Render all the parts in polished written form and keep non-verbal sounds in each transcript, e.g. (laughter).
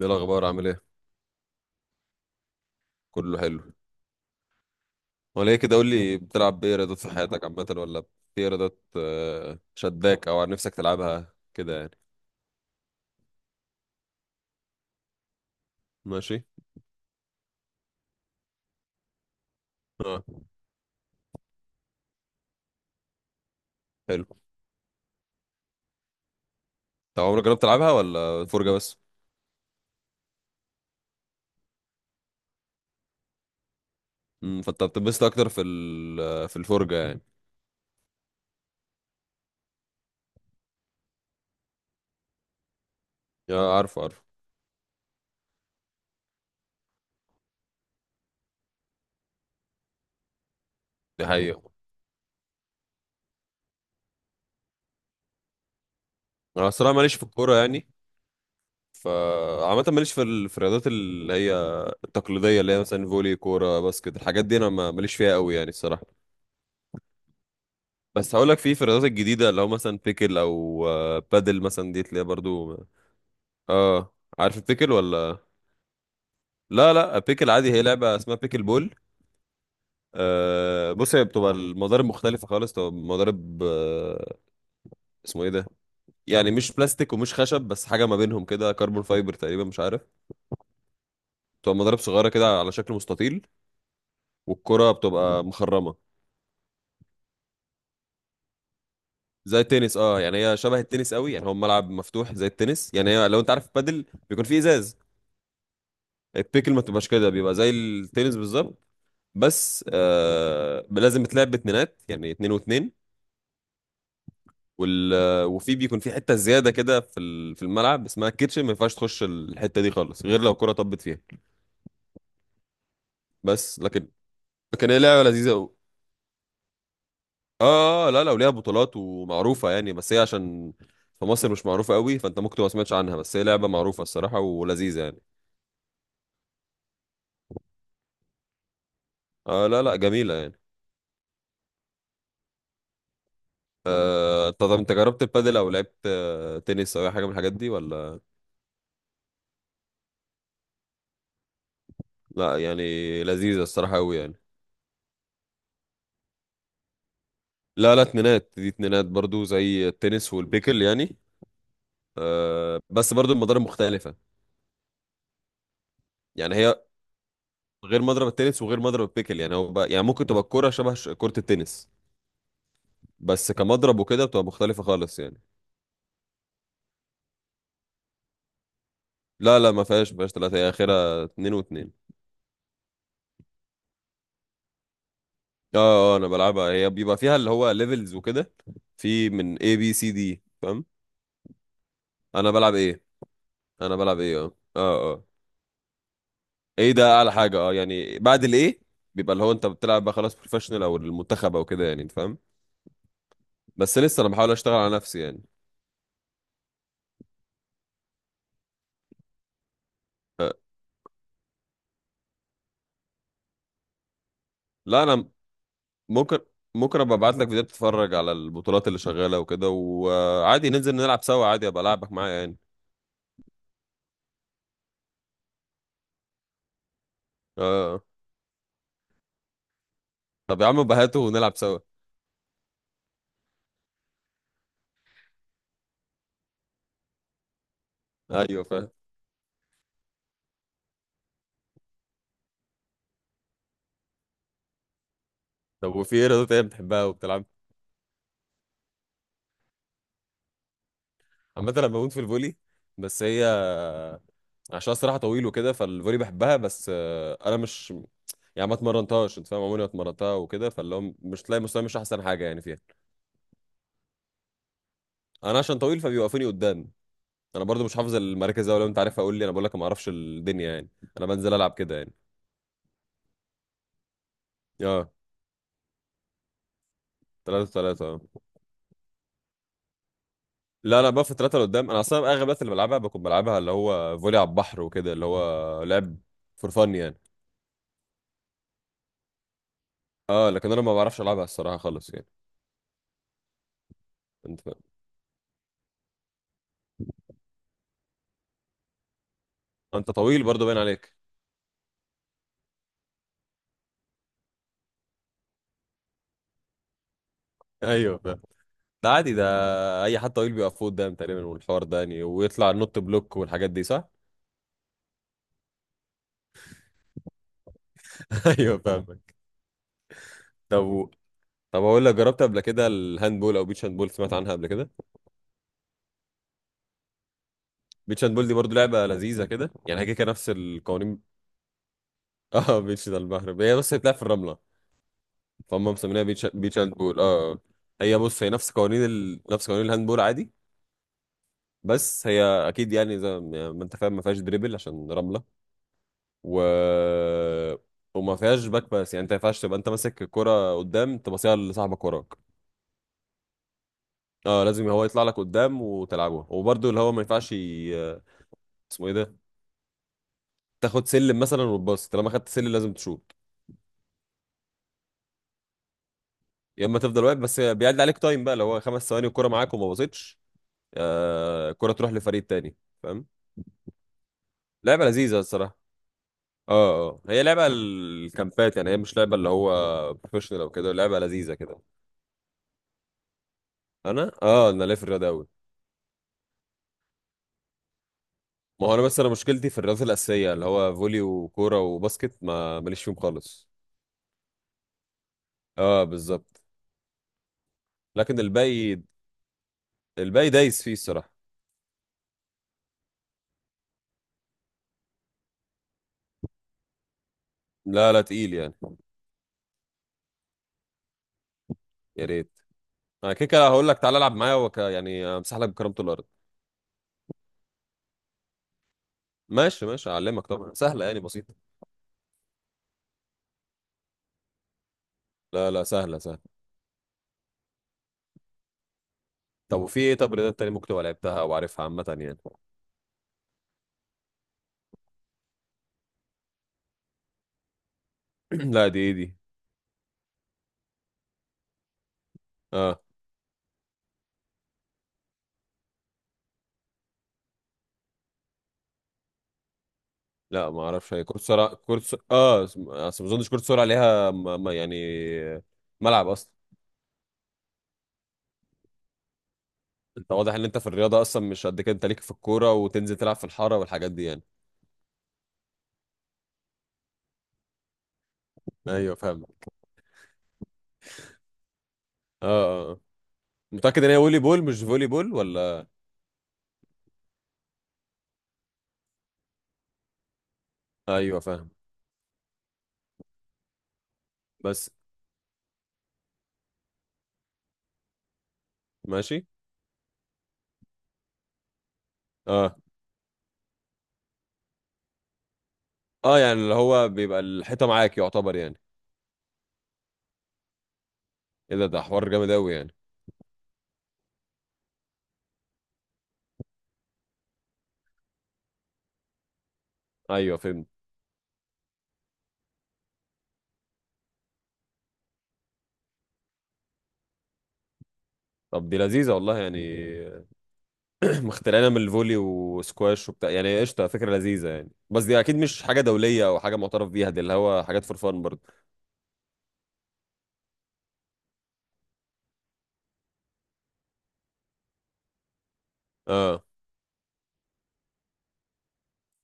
ايه الاخبار، عامل ايه؟ كله حلو. ولا ايه كده، قول لي، بتلعب بايه رياضات في حياتك عامه، ولا في رياضات شداك او عن نفسك تلعبها كده يعني؟ ماشي. اه، حلو. طب عمرك جربت تلعبها ولا فرجه بس؟ فانت بتنبسط اكتر في الفرجه يعني. يا عارف عارف. دي حقيقه. انا الصراحه ماليش في الكوره يعني، فعامة ماليش في الرياضات اللي هي التقليدية، اللي هي مثلا فولي، كورة، باسكت، الحاجات دي أنا ماليش فيها قوي يعني الصراحة. بس هقول لك في الرياضات الجديده، اللي هو مثلا بيكل او بادل مثلا، دي تلاقيها برضو. اه، عارف البيكل ولا؟ لا لا، بيكل عادي، هي لعبه اسمها بيكل بول. آه بص، هي بتبقى المضارب مختلفه خالص، تبقى مضارب آه اسمه ايه ده، يعني مش بلاستيك ومش خشب، بس حاجه ما بينهم كده، كربون فايبر تقريبا، مش عارف. بتبقى مضارب صغيره كده على شكل مستطيل، والكره بتبقى مخرمه. زي التنس، اه يعني، هي شبه التنس قوي يعني، هو ملعب مفتوح زي التنس يعني، هي لو انت عارف البادل بيكون فيه ازاز. التيكل ما تبقاش كده، بيبقى زي التنس بالظبط، بس لازم تلعب باتنينات يعني اتنين واتنين. وال آه، وفي بيكون في حته زياده كده في الملعب اسمها الكيتشن، ما ينفعش تخش الحته دي خالص غير لو الكره طبت فيها. بس لكن، لكن هي لعبه لذيذه قوي. اه لا، لو ليها بطولات ومعروفه يعني، بس هي عشان في مصر مش معروفه قوي، فانت ممكن تبقى ما سمعتش عنها، بس هي لعبه معروفه الصراحه ولذيذه يعني. اه لا لا، جميله يعني. طب انت جربت البادل او لعبت تنس او اي حاجه من الحاجات دي ولا؟ لا يعني، لذيذة الصراحة أوي يعني. لا لا، اتنينات، دي اتنينات برضو زي التنس والبيكل يعني. بس برضو المضارب مختلفة يعني، هي غير مضرب التنس وغير مضرب البيكل يعني، هو بقى يعني، ممكن تبقى الكورة شبه كرة التنس، بس كمضرب وكده بتبقى مختلفة خالص يعني. لا لا، ما فيهاش ثلاثة، هي آخرها اتنين واتنين. اه اه، أنا بلعبها، هي بيبقى فيها اللي هو ليفلز وكده، في من A B C D فاهم. أنا بلعب ايه؟ أنا بلعب ايه، اه اه اه، ايه ده اعلى حاجه، اه يعني، بعد الايه بيبقى اللي هو انت بتلعب بقى خلاص بروفيشنال او المنتخب او كده يعني، انت فاهم. بس لسه انا بحاول اشتغل على نفسي يعني. لا انا، ممكن ممكن ابقى ابعت لك فيديوهات تتفرج على البطولات اللي شغاله وكده، وعادي ننزل نلعب سوا، عادي ابقى العبك معايا يعني. اه، طب يا عم بهاته ونلعب سوا. ايوه فاهم. طب وفي ايه رياضه تانية بتحبها وبتلعب عامه؟ انا بموت في الفولي، بس هي عشان الصراحه طويل وكده، فالفولي بحبها بس، انا مش يعني، ما اتمرنتهاش، انت فاهم، عمري ما اتمرنتها وكده، فاللي هو مش تلاقي مستواي مش احسن حاجه يعني فيها. انا عشان طويل فبيوقفوني قدام. انا برضو مش حافظ المراكز أوي، لو انت عارفها قول لي، انا بقول لك ما اعرفش الدنيا يعني، انا بنزل العب كده يعني. اه، ثلاثة ثلاثة اه. لا انا بقى في ثلاثة قدام، انا اصلا اغلب الوقت اللي بلعبها بكون بلعبها اللي هو فولي على البحر وكده، اللي هو لعب فور فن يعني. اه، لكن انا ما بعرفش العبها الصراحة خالص يعني، انت فاهم. انت طويل برضو باين عليك. ايوه فاهم. ده عادي ده، اي حد طويل بيقف قدام تقريبا، والحوار ده يعني، ويطلع نوت بلوك والحاجات دي صح. (laughs) ايوه فاهمك. طب طب اقول لك، جربت قبل كده الهاند بول او بيتش هاند بول؟ سمعت عنها قبل كده؟ بيتش هاند بول دي برضو لعبه لذيذه كده يعني، هي كده نفس القوانين. (laughs) اه بيتش ده البحر، هي بس بتلعب في الرمله، فهم مسمينها بيتش، بيتش هاند بول اه. هي بص، هي نفس قوانين نفس قوانين الهاند بول عادي. بس هي اكيد يعني، زي ما يعني، ما انت فاهم، ما فيهاش دريبل عشان رمله. و وما فيهاش باك باس يعني، انت ما ينفعش تبقى انت ماسك الكرة قدام تبصيها لصاحبك وراك. اه لازم هو يطلع لك قدام وتلعبها، وبرضه اللي هو ما ينفعش، اسمه ايه ده تاخد سلم مثلا وتباص، طالما خدت سلم لازم تشوط. يا اما تفضل واقف، بس بيعد عليك تايم بقى، لو هو 5 ثواني والكره معاك وما باصتش الكره تروح لفريق تاني، فاهم. لعبه لذيذه الصراحه. اه اه، هي لعبه الكامبات يعني، هي مش لعبه اللي هو بروفيشنال او كده، لعبه لذيذه كده. انا اه، انا ليا في الرياضه قوي. ما هو انا بس، انا مشكلتي في الرياضات الاساسيه اللي هو فولي وكوره وباسكت، ما ماليش فيهم خالص. اه بالظبط. لكن الباقي، الباقي دايس فيه الصراحه. لا لا تقيل يعني. يا ريت، انا كده كده هقول لك تعالى العب معايا يعني امسح لك بكرامة الارض. ماشي ماشي، اعلمك طبعا، سهله يعني بسيطه. لا لا، سهله سهله. طب وفي ايه، طب رياضات تاني ممكن تبقى لعبتها او عارفها عامه يعني؟ (clears throat) لا، دي ايه دي؟ اه لا ما اعرفش، هي كره سرعه، اه اصل ما اظنش كره سرعه ليها يعني ملعب اصلا. انت واضح ان انت في الرياضه اصلا مش قد كده، انت ليك في الكوره وتنزل تلعب في الحاره والحاجات دي يعني. ايوه فاهم اه اه آه. متاكد ان هي فولي بول مش فولي بول ولا؟ ايوه فاهم، بس ماشي. اه اه، يعني اللي هو بيبقى الحيطه معاك يعتبر يعني. ايه ده، ده حوار جامد قوي يعني. ايوه فهمت. طب دي لذيذه والله يعني. (clears throat) مخترعينها من الفولي وسكواش وبتاع يعني، قشطه، فكره لذيذه يعني، بس دي اكيد مش حاجه دوليه او حاجه معترف بيها، دي اللي هو حاجات فور فان برضه. اه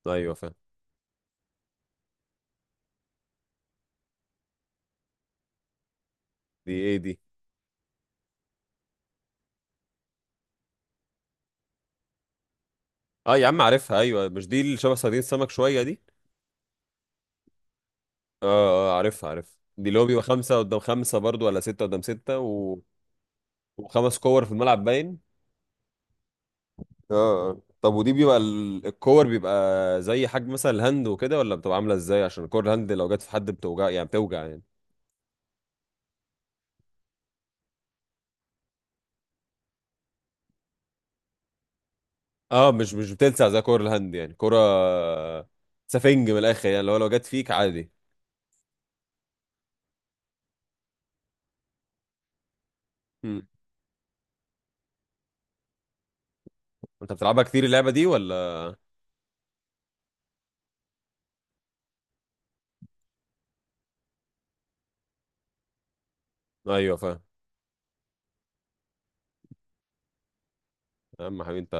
ايوه فاهم. دي ايه دي؟ اه يا عم عارفها، ايوه، مش دي اللي شبه صيادين السمك شويه دي. اه اه، عارفها عارفها، دي اللي هو بيبقى خمسه قدام خمسه برضه، ولا سته قدام سته وخمس كور في الملعب باين. اه، طب ودي بيبقى الكور بيبقى زي حجم مثلا الهاند وكده، ولا بتبقى عامله ازاي؟ عشان كور الهاند لو جت في حد بتوجع يعني بتوجع يعني. اه مش بتلسع زي كور الهاند يعني، كرة سفنج من الاخر يعني، لو جت فيك عادي. مم. انت بتلعبها كتير اللعبه دي ولا؟ ايوه فاهم. يا عم حبيبي انت،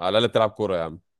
على الاقل بتلعب كوره يا عم.